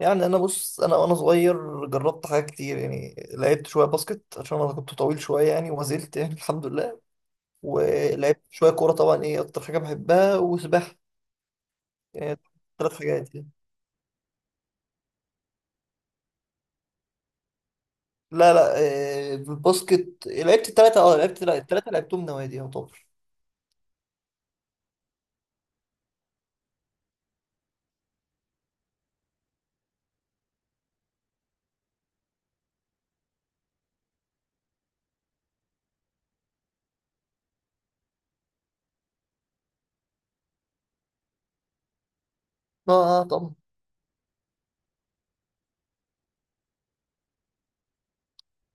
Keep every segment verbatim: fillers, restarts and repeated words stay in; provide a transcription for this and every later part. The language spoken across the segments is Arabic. يعني انا بص انا وانا صغير جربت حاجات كتير، يعني لعبت شويه باسكت عشان انا كنت طويل شويه يعني وما زلت يعني الحمد لله. ولعبت شويه كوره، طبعا ايه اكتر حاجه بحبها وسباحه. يعني ثلاث حاجات يعني. لا، لا. آه، الباسكت لعبت الثلاثه، اه لعبت لا الثلاثه لعبتهم نوادي يعتبر. اه، اه طبعا.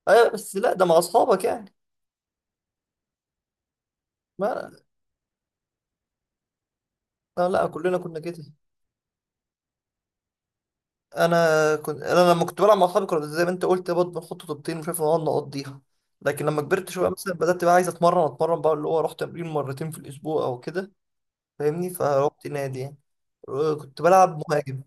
ايوه، بس لا ده مع اصحابك يعني. ما لا، لا كلنا كنا كده. انا كنت، انا لما كنت بلعب مع اصحابي كنا زي ما انت قلت برضه بنحط طوبتين وشايف نقعد نقضيها. لكن لما كبرت شويه بالظبط مثلا بدات بقى عايز اتمرن اتمرن بقى، اللي هو اروح تمرين مرتين في الاسبوع او كده. فاهمني، فروحت نادي يعني. آه، كنت بلعب مهاجم.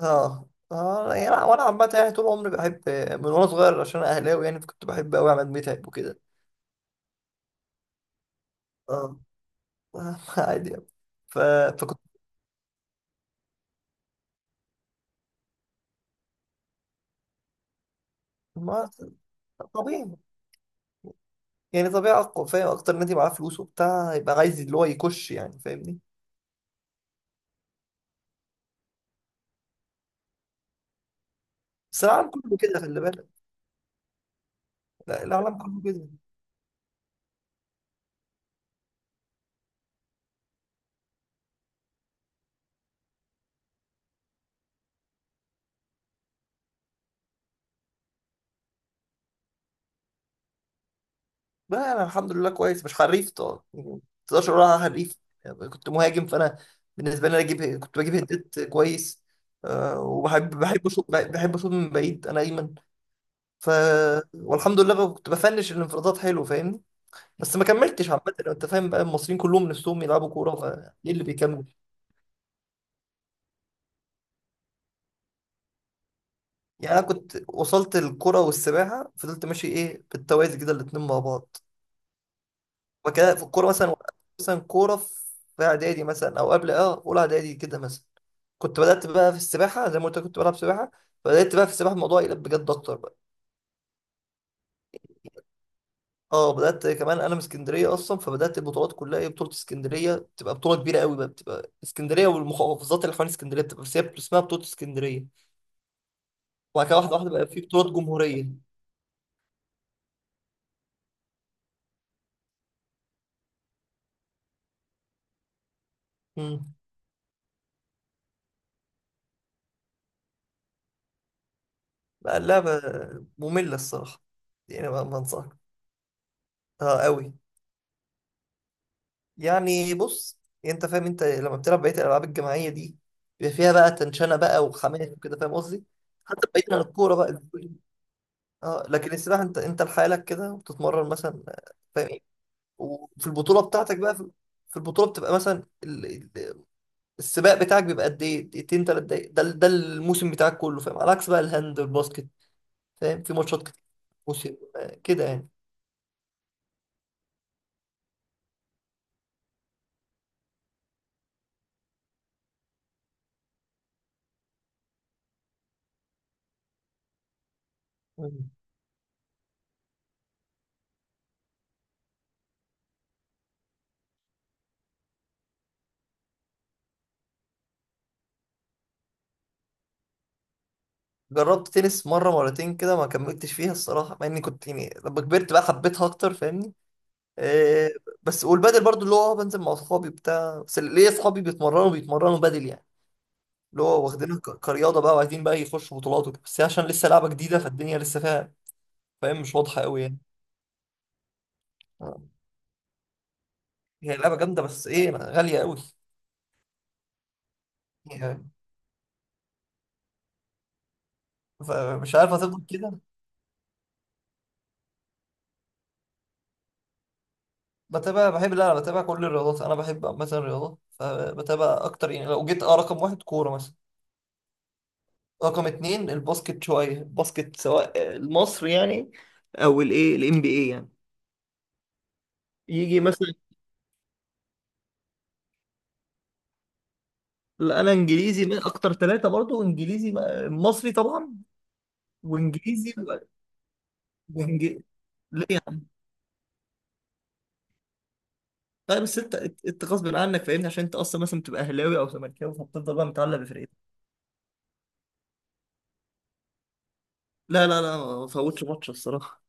اه، اه يعني انا وأنا عامه يعني طول عمري بحب. من وانا صغير عشان أنا اهلاوي، يعني فكنت بحب قوي عماد متعب وكده. اه. آه، عادي يعني. ف... فكنت ما... طبيعي. يعني طبيعي أقوى، فاهم اكتر نادي معاه فلوس وبتاع يبقى عايز اللي هو يكش، يعني فاهمني. بس العالم كله كده، خلي بالك. لا، العالم كله كده. بقى انا الحمد لله كويس، مش حريف طبعا، يعني ما تقدرش اقول انا حريف. يعني كنت مهاجم فانا، بالنسبه لي انا اجيب، كنت بجيب هدات كويس. أه، وبحب بحب اشوط، بحب اشوط من بعيد. انا ايمن. ف والحمد لله بقى كنت بفنش الانفرادات حلو، فاهمني. بس ما كملتش عامه، لو انت فاهم بقى المصريين كلهم نفسهم يلعبوا كوره، فايه اللي بيكمل. يعني انا كنت وصلت، الكوره والسباحه فضلت ماشي ايه بالتوازي كده الاتنين مع بعض. وكده في الكورة مثلا، مثلا كورة، في إعدادي مثلا أو قبل أه أولى إعدادي كده مثلا كنت بدأت بقى في السباحة. زي ما قلت لك كنت بلعب سباحة، بدأت بقى في السباحة الموضوع يقلب بجد أكتر بقى. أه بدأت كمان، أنا من اسكندرية أصلا، فبدأت البطولات كلها إيه، بطولة اسكندرية بتبقى بطولة كبيرة قوي بقى، بتبقى اسكندرية والمحافظات اللي حوالين اسكندرية بتبقى، بس هي اسمها بطولة اسكندرية. وبعد كده واحدة واحدة بقى في بطولات جمهورية. امم بقى اللعبة مملة الصراحة، يعني ما ما أنصحك. أه قوي. يعني بص، انت فاهم انت لما بتلعب بقيه الالعاب الجماعيه دي بيبقى فيها بقى تنشنه بقى وحماس وكده، فاهم قصدي. حتى بعيد عن الكوره بقى. اه لكن السباحه انت انت لحالك كده وبتتمرن مثلا، آه، فاهم ايه. وفي البطوله بتاعتك بقى في في البطوله بتبقى مثلا ال- ال- السباق بتاعك بيبقى قد ايه، دقيقتين ثلاث دقايق، ده ال- ده الموسم بتاعك كله، فاهم، على عكس بقى الهاند والباسكت فاهم، في ماتشات كتير موسم آه، كده يعني. جربت تنس مرة مرتين كده، ما كملتش فيها الصراحة مع اني كنت يعني لما كبرت بقى حبيتها اكتر، فاهمني. آه. بس والبادل برضو اللي هو بنزل مع اصحابي بتاع، بس ليا اصحابي بيتمرنوا بيتمرنوا بادل يعني، اللي هو واخدينها ك- كرياضة بقى وعايزين بقى يخشوا بطولات وكده، بس هي عشان لسه لعبة جديدة، فالدنيا لسه فيها فاهم، مش واضحة قوي يعني. آه. هي لعبة جامدة بس ايه، غالية قوي يعني، فمش عارف هتفضل كده. بتابع بحب، لا انا بتابع كل الرياضات، انا بحب مثلا الرياضات فبتابع اكتر. يعني لو جيت، اه رقم واحد كورة مثلا، رقم اتنين الباسكت، شوية الباسكت سواء المصري يعني او الايه الام بي اي يعني، يجي مثلا. لا، انا انجليزي من اكتر ثلاثة برضو، انجليزي، م- مصري طبعا، وانجليزي وانجليزي. ليه يعني؟ لا بس انت انت غصب عنك فاهمني، عشان انت اصلا مثلا بتبقى اهلاوي او زملكاوي، فبتفضل بقى متعلق بفرقتك. لا، لا، لا ما فوتش ماتش الصراحة.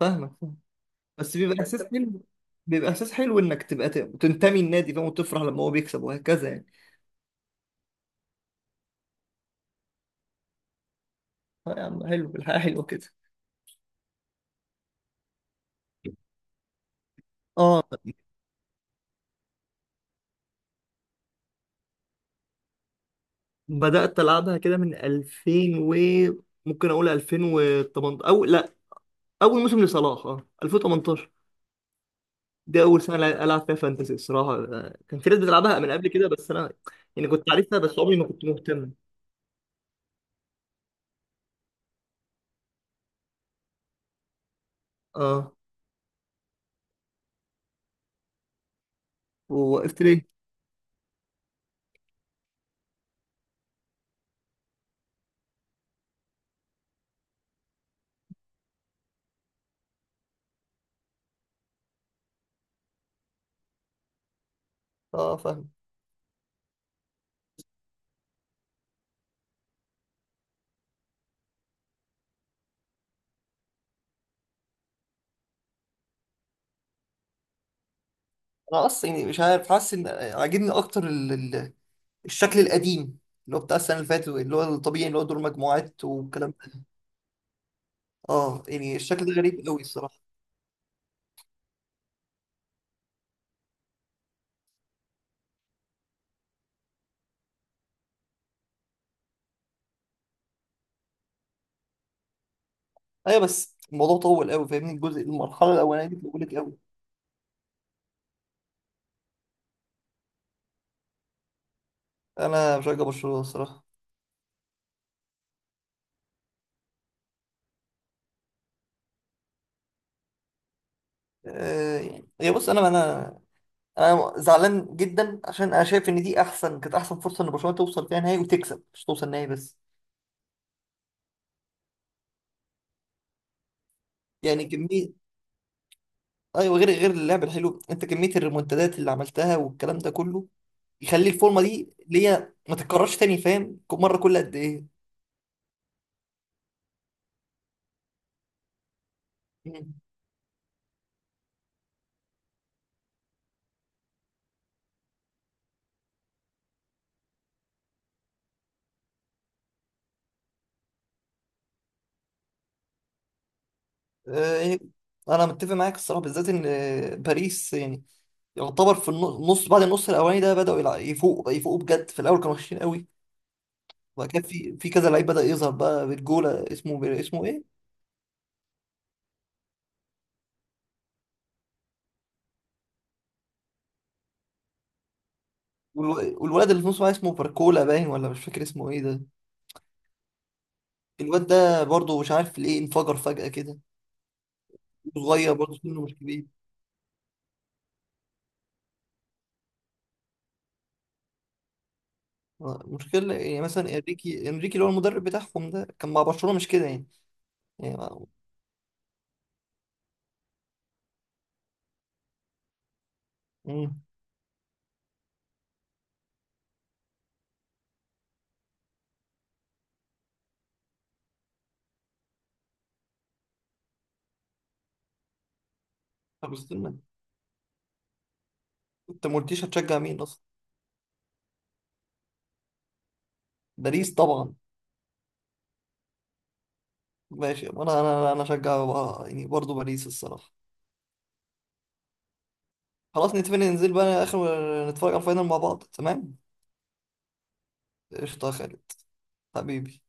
فاهمك فاهم. بس بيبقى احساس حلو، بيبقى احساس حلو انك تبقى ت- تنتمي النادي، فاهم، وتفرح لما هو بيكسب وهكذا يعني. آه يا عم حلو، الحياة حلوة كده. اه بدأت ألعبها كده من ألفين و، ممكن أقول ألفين وثمنتاشر، أو لأ أول موسم لصلاح اه ألفين وثمنتاشر. دي أول سنة ألعب فيها فانتسي الصراحة، آه، كان في ناس بتلعبها من قبل كده، بس أنا يعني كنت عارفها بس عمري ما كنت مهتم. اه. ووقفت ليه؟ اه فاهم. أنا أصلا يعني مش عارف، حاسس إن عاجبني أكتر ال... ال- الشكل القديم، اللي هو بتاع السنة اللي فاتت، اللي هو الطبيعي اللي هو دور مجموعات والكلام ده. اه يعني الشكل ده غريب قوي الصراحة. ايوه بس الموضوع طول قوي، فاهمني، الجزء المرحله الاولانيه دي طولت قوي. انا بشجع برشلونه الصراحه. أه يعني هي بص انا انا انا زعلان جدا، عشان انا شايف ان دي احسن، كانت احسن فرصه ان برشلونه توصل فيها نهائي وتكسب، مش توصل نهائي بس. يعني كميه، ايوه، غير غير اللعب الحلو، انت كميه الريمونتادات اللي عملتها والكلام ده كله يخلي الفورمه دي اللي هي ما تتكررش تاني، فاهم، كل مره كل قد ايه. مم. أه يعني انا متفق معاك الصراحه، بالذات ان آه، باريس يعني يعتبر في النص بعد النص الاولاني ده بداوا يلع- يفوقوا، يفوقوا بجد، في الاول كانوا وحشين قوي. وبعد كده في في كذا لعيب بدا يظهر بقى بالجوله، اسمه بي- اسمه ايه. والو- والولد اللي في نص بقى اسمه باركولا، باين، ولا مش فاكر اسمه ايه ده. الواد ده برضه مش عارف ليه انفجر فجأة كده، صغير برضه سنه مش كبير. آه، مشكلة يعني مثلا، انريكي انريكي اللي هو المدرب بتاعهم ده كان مع برشلونة مش كده يعني. يعني ما- مم. طب استنى، انت ما قلتليش هتشجع مين اصلا. باريس طبعا. ماشي انا انا انا اشجع بقى، يعني برضه باريس الصراحة. خلاص نتفق ننزل بقى اخر، نتفرج على الفاينل مع بعض، تمام. قشطة يا خالد، حبيبي.